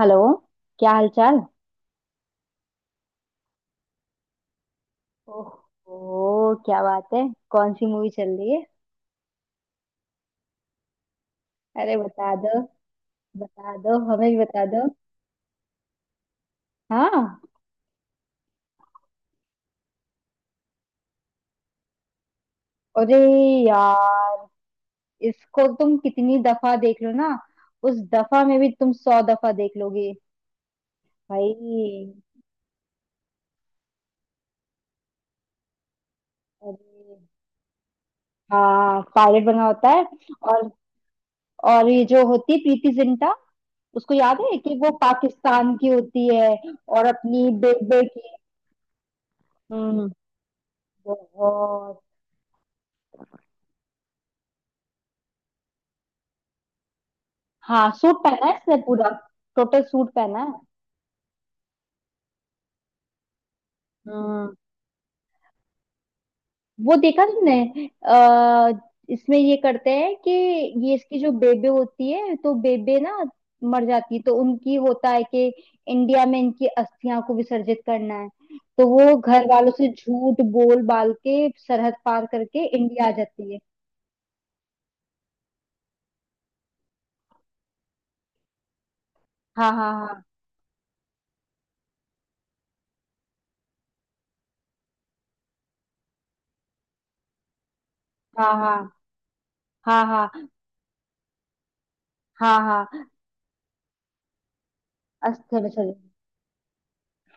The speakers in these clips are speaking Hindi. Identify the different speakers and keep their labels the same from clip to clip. Speaker 1: हेलो। क्या हाल चाल। ओह क्या बात है। कौन सी मूवी चल रही है। अरे बता दो। बता दो हमें भी बता दो। हाँ। अरे यार, इसको तुम कितनी दफा देख लो ना, उस दफा में भी तुम 100 दफा देख लोगे। भाई। अरे हाँ, पायलट बना होता है। और ये जो होती है प्रीति जिंटा, उसको याद है कि वो पाकिस्तान की होती है। और अपनी बेबे की। हम्म। बहुत। हाँ, सूट पहना है इसने पूरा। टोटल सूट पहना है। हाँ। वो देखा तुमने। आ, इसमें ये करते हैं कि ये इसकी जो बेबे होती है, तो बेबे ना मर जाती है, तो उनकी होता है कि इंडिया में इनकी अस्थियां को विसर्जित करना है। तो वो घर वालों से झूठ बोल बाल के सरहद पार करके इंडिया आ जाती है। हाँ हाँ हाँ। हाँ हाँ हाँ। हाँ हाँ हाँ। अस्थियां विसर्जन।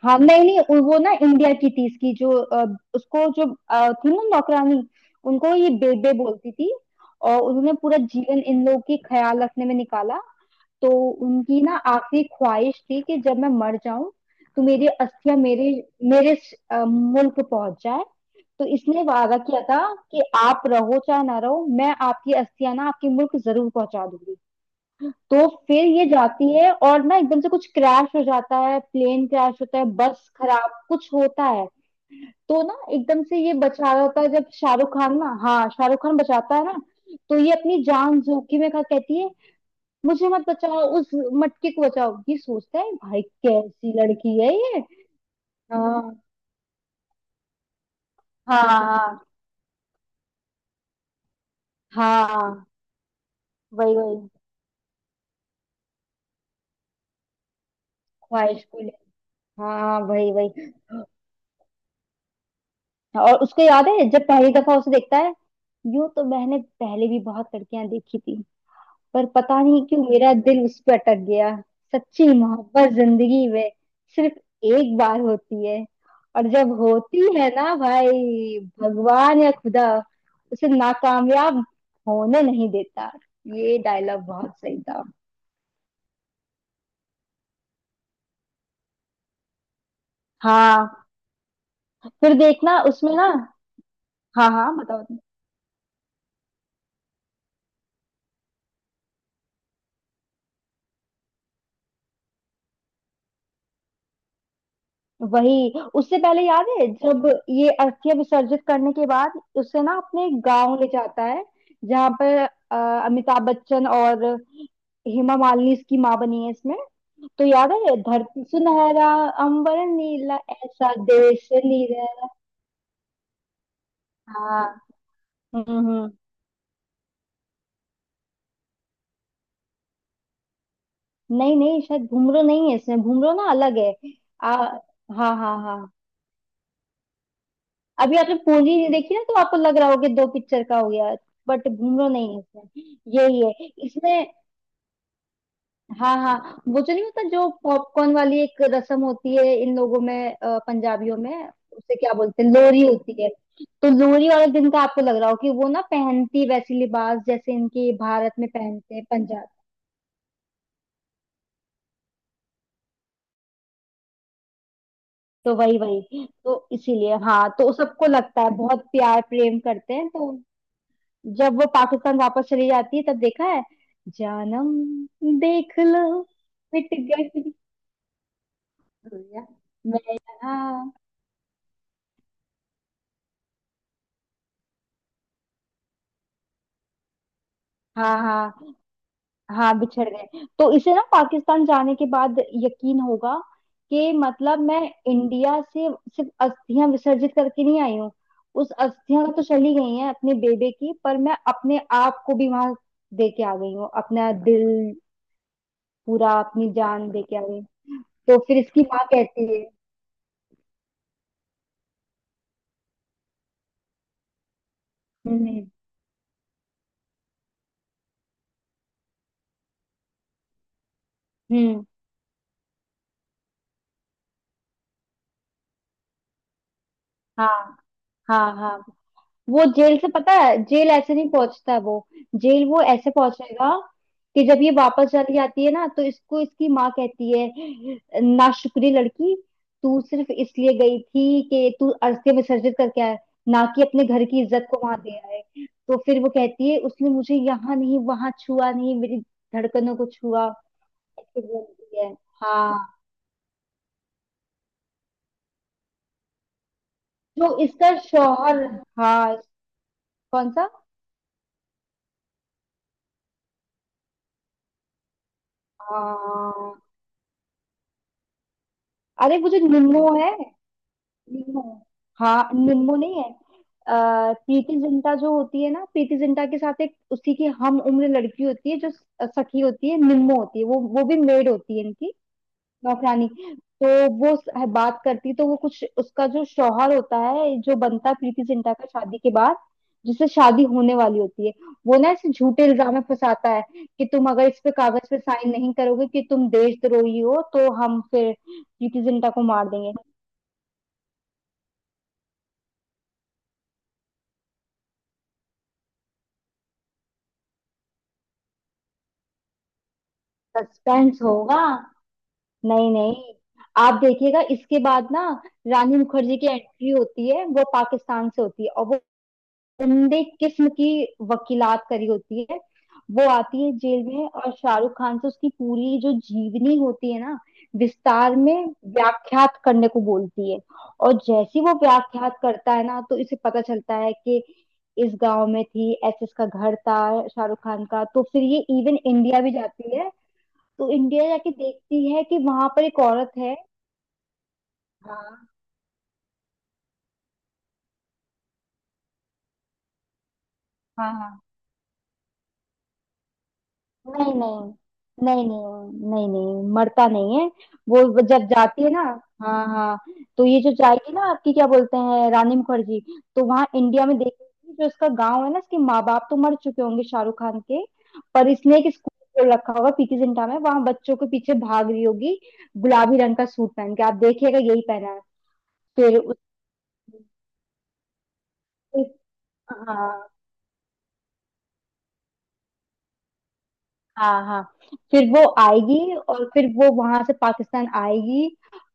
Speaker 1: हाँ। नहीं नहीं वो ना इंडिया की थी इसकी जो उसको जो थी ना नौकरानी। उनको ये बेबे बोलती थी। और उन्होंने पूरा जीवन इन लोगों की ख्याल रखने में निकाला। तो उनकी ना आखिरी ख्वाहिश थी कि जब मैं मर जाऊं, तो मेरी अस्थियां मेरे मेरे मुल्क पहुंच जाए। तो इसने वादा किया था कि आप रहो चाहे ना रहो, मैं आपकी अस्थियां ना आपके मुल्क जरूर पहुंचा दूंगी। तो फिर ये जाती है और ना एकदम से कुछ क्रैश हो जाता है, प्लेन क्रैश होता है, बस खराब कुछ होता है। तो ना एकदम से ये बचा रहा होता है जब शाहरुख खान ना, हाँ शाहरुख खान बचाता है ना। तो ये अपनी जान जोखिम में खा कहती है, मुझे मत बचाओ, उस मटके को बचाओ। ये सोचता है भाई कैसी लड़की है ये। हाँ हाँ हाँ। हाँ, वही वही ख्वाहिश को ले। हाँ वही वही। और उसको याद है जब पहली दफा उसे देखता है, यूं तो मैंने पहले भी बहुत लड़कियां देखी थी, पर पता नहीं क्यों मेरा दिल उस पर अटक गया। सच्ची मोहब्बत जिंदगी में सिर्फ एक बार होती है, और जब होती है ना भाई, भगवान या खुदा उसे नाकामयाब होने नहीं देता। ये डायलॉग बहुत सही था। हाँ। फिर देखना उसमें ना। हाँ हाँ बताओ। वही, उससे पहले याद है जब ये अस्थियां विसर्जित करने के बाद उसे ना अपने गांव ले जाता है, जहां पर अ, अमिताभ बच्चन और हेमा मालिनी इसकी माँ बनी है इसमें। तो याद है, धरती सुनहरा, अंबर नीला, ऐसा देश नीला। हाँ। हम्म हम्म। नहीं नहीं, शायद घुंघरू नहीं है इसमें, घुंघरू ना अलग है। आ, हाँ हाँ हाँ। अभी आपने पूंजी नहीं देखी ना, तो आपको लग रहा होगा दो पिक्चर का हो गया। बट घूमरो नहीं है इसमें, यही है इसमें। हाँ हाँ, वो जो नहीं होता, जो पॉपकॉर्न वाली एक रस्म होती है इन लोगों में, पंजाबियों में, उसे क्या बोलते हैं, लोरी होती है। तो लोरी वाले दिन का आपको लग रहा हो कि वो ना पहनती वैसी लिबास जैसे इनके भारत में पहनते हैं पंजाब। तो वही वही तो इसीलिए हाँ, तो सबको लगता है बहुत प्यार प्रेम करते हैं तो। जब वो पाकिस्तान वापस चली जाती है तब देखा है, जानम देख लो मिट गई। भैया मैं यहाँ। हाँ हाँ हाँ। हाँ, बिछड़ गए, तो इसे ना पाकिस्तान जाने के बाद यकीन होगा कि मतलब मैं इंडिया से सिर्फ अस्थियां विसर्जित करके नहीं आई हूँ, उस अस्थियां तो चली गई हैं अपने बेबे की, पर मैं अपने आप को भी वहां दे के आ गई हूँ, अपना दिल पूरा, अपनी जान दे के आ गई हूँ। तो फिर इसकी माँ कहती है। हम्म, हम्म। हाँ हाँ हाँ। वो जेल से पता है, जेल ऐसे नहीं पहुंचता वो, जेल वो ऐसे पहुंचेगा कि जब ये वापस चली जाती है ना, तो इसको इसकी माँ कहती है, नाशुक्री लड़की, तू सिर्फ इसलिए गई थी कि तू अस्थि विसर्जित करके आए, ना कि अपने घर की इज्जत को वहां दे आए। तो फिर वो कहती है, उसने मुझे यहाँ नहीं, वहां छुआ नहीं, मेरी धड़कनों को छुआ, ऐसे बोलती है। हाँ, जो इसका शौहर। हाँ। कौन सा। हाँ। अरे वो जो निन्नो है, निन्नो। हाँ निन्नो। हम्म, नहीं है। प्रीति जिंटा जो होती है ना, प्रीति जिंटा के साथ एक उसी की हम उम्र लड़की होती है, जो सखी होती है, निन्नो होती है, वो भी मेड होती है इनकी, नौकरानी। तो वो बात करती, तो वो कुछ उसका जो शौहर होता है, जो बनता है प्रीति जिंटा का शादी के बाद, जिससे शादी होने वाली होती है, वो ना इसे झूठे इल्जाम में फंसाता है कि तुम अगर इस पे कागज पे साइन नहीं करोगे कि तुम देशद्रोही हो, तो हम फिर प्रीति जिंटा को मार देंगे। सस्पेंस होगा, नहीं नहीं। आप देखिएगा इसके बाद ना, रानी मुखर्जी की एंट्री होती है, वो पाकिस्तान से होती है और वो उम्दे किस्म की वकीलात करी होती है। वो आती है जेल में और शाहरुख खान से उसकी पूरी जो जीवनी होती है ना, विस्तार में व्याख्यात करने को बोलती है। और जैसे ही वो व्याख्यात करता है ना, तो इसे पता चलता है कि इस गांव में थी, ऐसे इसका घर था शाहरुख खान का। तो फिर ये इवन इंडिया भी जाती है। तो इंडिया जाके देखती है कि वहां पर एक औरत है। हाँ हाँ हाँ। नहीं नहीं नहीं नहीं, नहीं नहीं मरता नहीं है। वो जब जाती है ना, हाँ हाँ, तो ये जो जाएगी ना, आपकी क्या बोलते हैं, रानी मुखर्जी, तो वहाँ इंडिया में देखेगी, जो इसका गांव है ना, इसके माँ बाप तो मर चुके होंगे शाहरुख खान के, पर इसने एक स्कूल खोल रखा होगा पीके जिंटा में, वहां बच्चों के पीछे भाग रही होगी गुलाबी रंग का सूट पहन के, आप देखिएगा यही पहना है। फिर उस फिर- हाँ हाँ हाँ। फिर वो आएगी और फिर वो वहां से पाकिस्तान आएगी।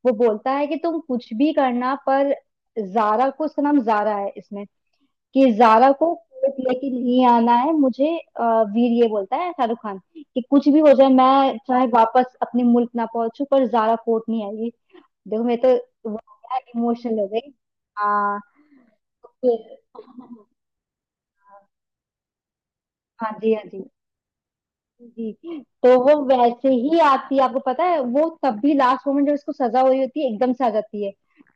Speaker 1: वो बोलता है कि तुम कुछ भी करना पर जारा को, उसका नाम जारा है इसमें, कि जारा को कोर्ट लेके नहीं आना है मुझे। अ, वीर ये बोलता है, शाहरुख खान, कि कुछ भी हो जाए, मैं चाहे वापस अपने मुल्क ना पहुंचू पर जारा कोर्ट नहीं आएगी। देखो मैं तो वो इमोशनल हो गई। हाँ तो फिर। हाँ जी हाँ जी। जी, तो वो वैसे ही आती है, आपको पता है, वो तब भी लास्ट मोमेंट जब इसको सजा हुई होती है, एकदम से आ जाती है।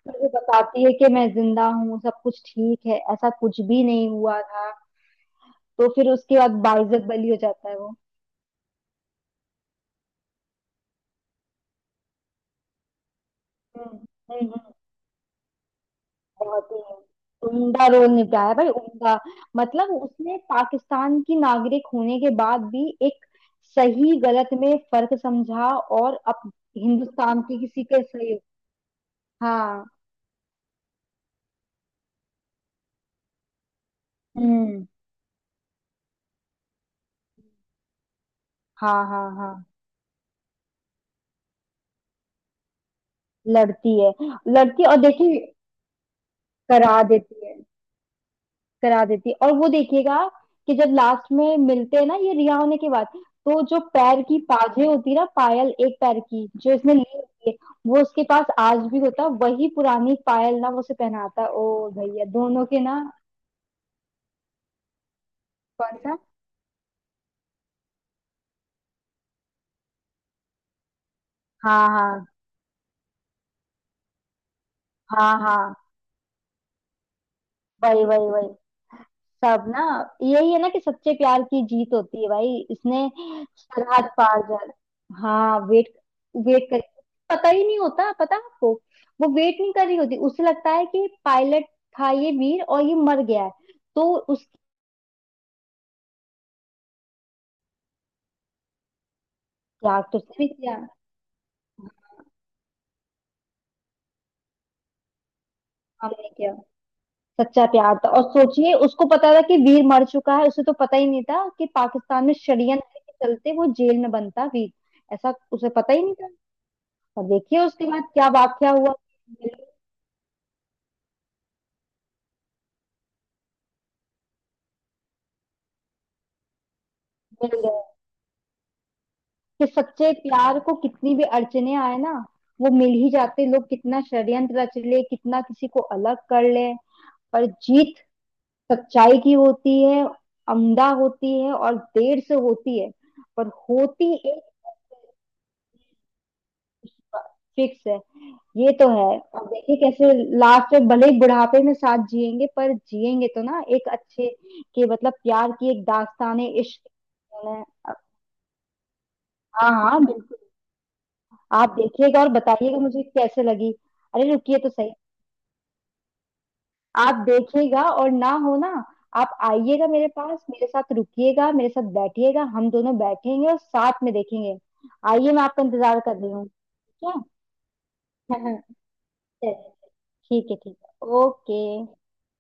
Speaker 1: फिर वो बताती है कि मैं जिंदा हूँ, सब कुछ ठीक है, ऐसा कुछ भी नहीं हुआ था। तो फिर उसके बाद बाइज्जत बलि हो जाता है वो। हम्म हम्म। बहुत ही उम्दा रोल निभाया भाई, उम्दा। मतलब उसने पाकिस्तान की नागरिक होने के बाद भी एक सही गलत में फर्क समझा। और अब हिंदुस्तान के किसी के सही। हाँ। हम्म। हाँ हाँ हाँ। लड़ती है, लड़ती है और देखिए, करा देती है। करा देती है और वो देखिएगा कि जब लास्ट में मिलते हैं ना ये रिहा होने के बाद, तो जो पैर की पाजे होती है ना, पायल, एक पैर की जो इसने ली होती है, वो उसके पास आज भी होता है, वही पुरानी पायल ना, वो उसे पहनाता है ओ भैया दोनों के ना। कौन सा। हाँ हाँ हाँ हाँ। वही वही वही सब ना, यही है ना कि सच्चे प्यार की जीत होती है भाई। इसने सरहद पार कर। हाँ वेट। वेट कर, पता ही नहीं होता, पता आपको, वो वेट नहीं कर रही होती, उसे लगता है कि पायलट था ये वीर और ये मर गया है, तो उस। त्याग तो उसने भी किया। हमने किया सच्चा प्यार था। और सोचिए उसको पता था कि वीर मर चुका है, उसे तो पता ही नहीं था कि पाकिस्तान में षड्यंत्र के चलते वो जेल में बंद था वीर, ऐसा उसे पता ही नहीं था। और देखिए उसके बाद क्या वाकया हुआ। मिल गए, कि सच्चे प्यार को कितनी भी अड़चने आए ना, वो मिल ही जाते लोग, कितना षड्यंत्र रच ले, कितना किसी को अलग कर ले, पर जीत सच्चाई की होती है, अमदा होती है और देर से होती है, पर होती। एक फिक्स है ये तो। है, और देखिए कैसे लास्ट में भले ही बुढ़ापे में साथ जिएंगे पर जिएंगे तो ना, एक अच्छे के मतलब प्यार की एक दास्तान है इश्क है। हाँ हाँ बिल्कुल। आप देखिएगा और बताइएगा मुझे कैसे लगी। अरे रुकिए तो सही। आप देखिएगा और ना हो ना, आप आइएगा मेरे पास, मेरे साथ रुकिएगा, मेरे साथ बैठिएगा, हम दोनों बैठेंगे और साथ में देखेंगे। आइए मैं आपका इंतजार कर रही हूँ। ठीक है हाँ। चलिए, ठीक है ठीक है। ओके।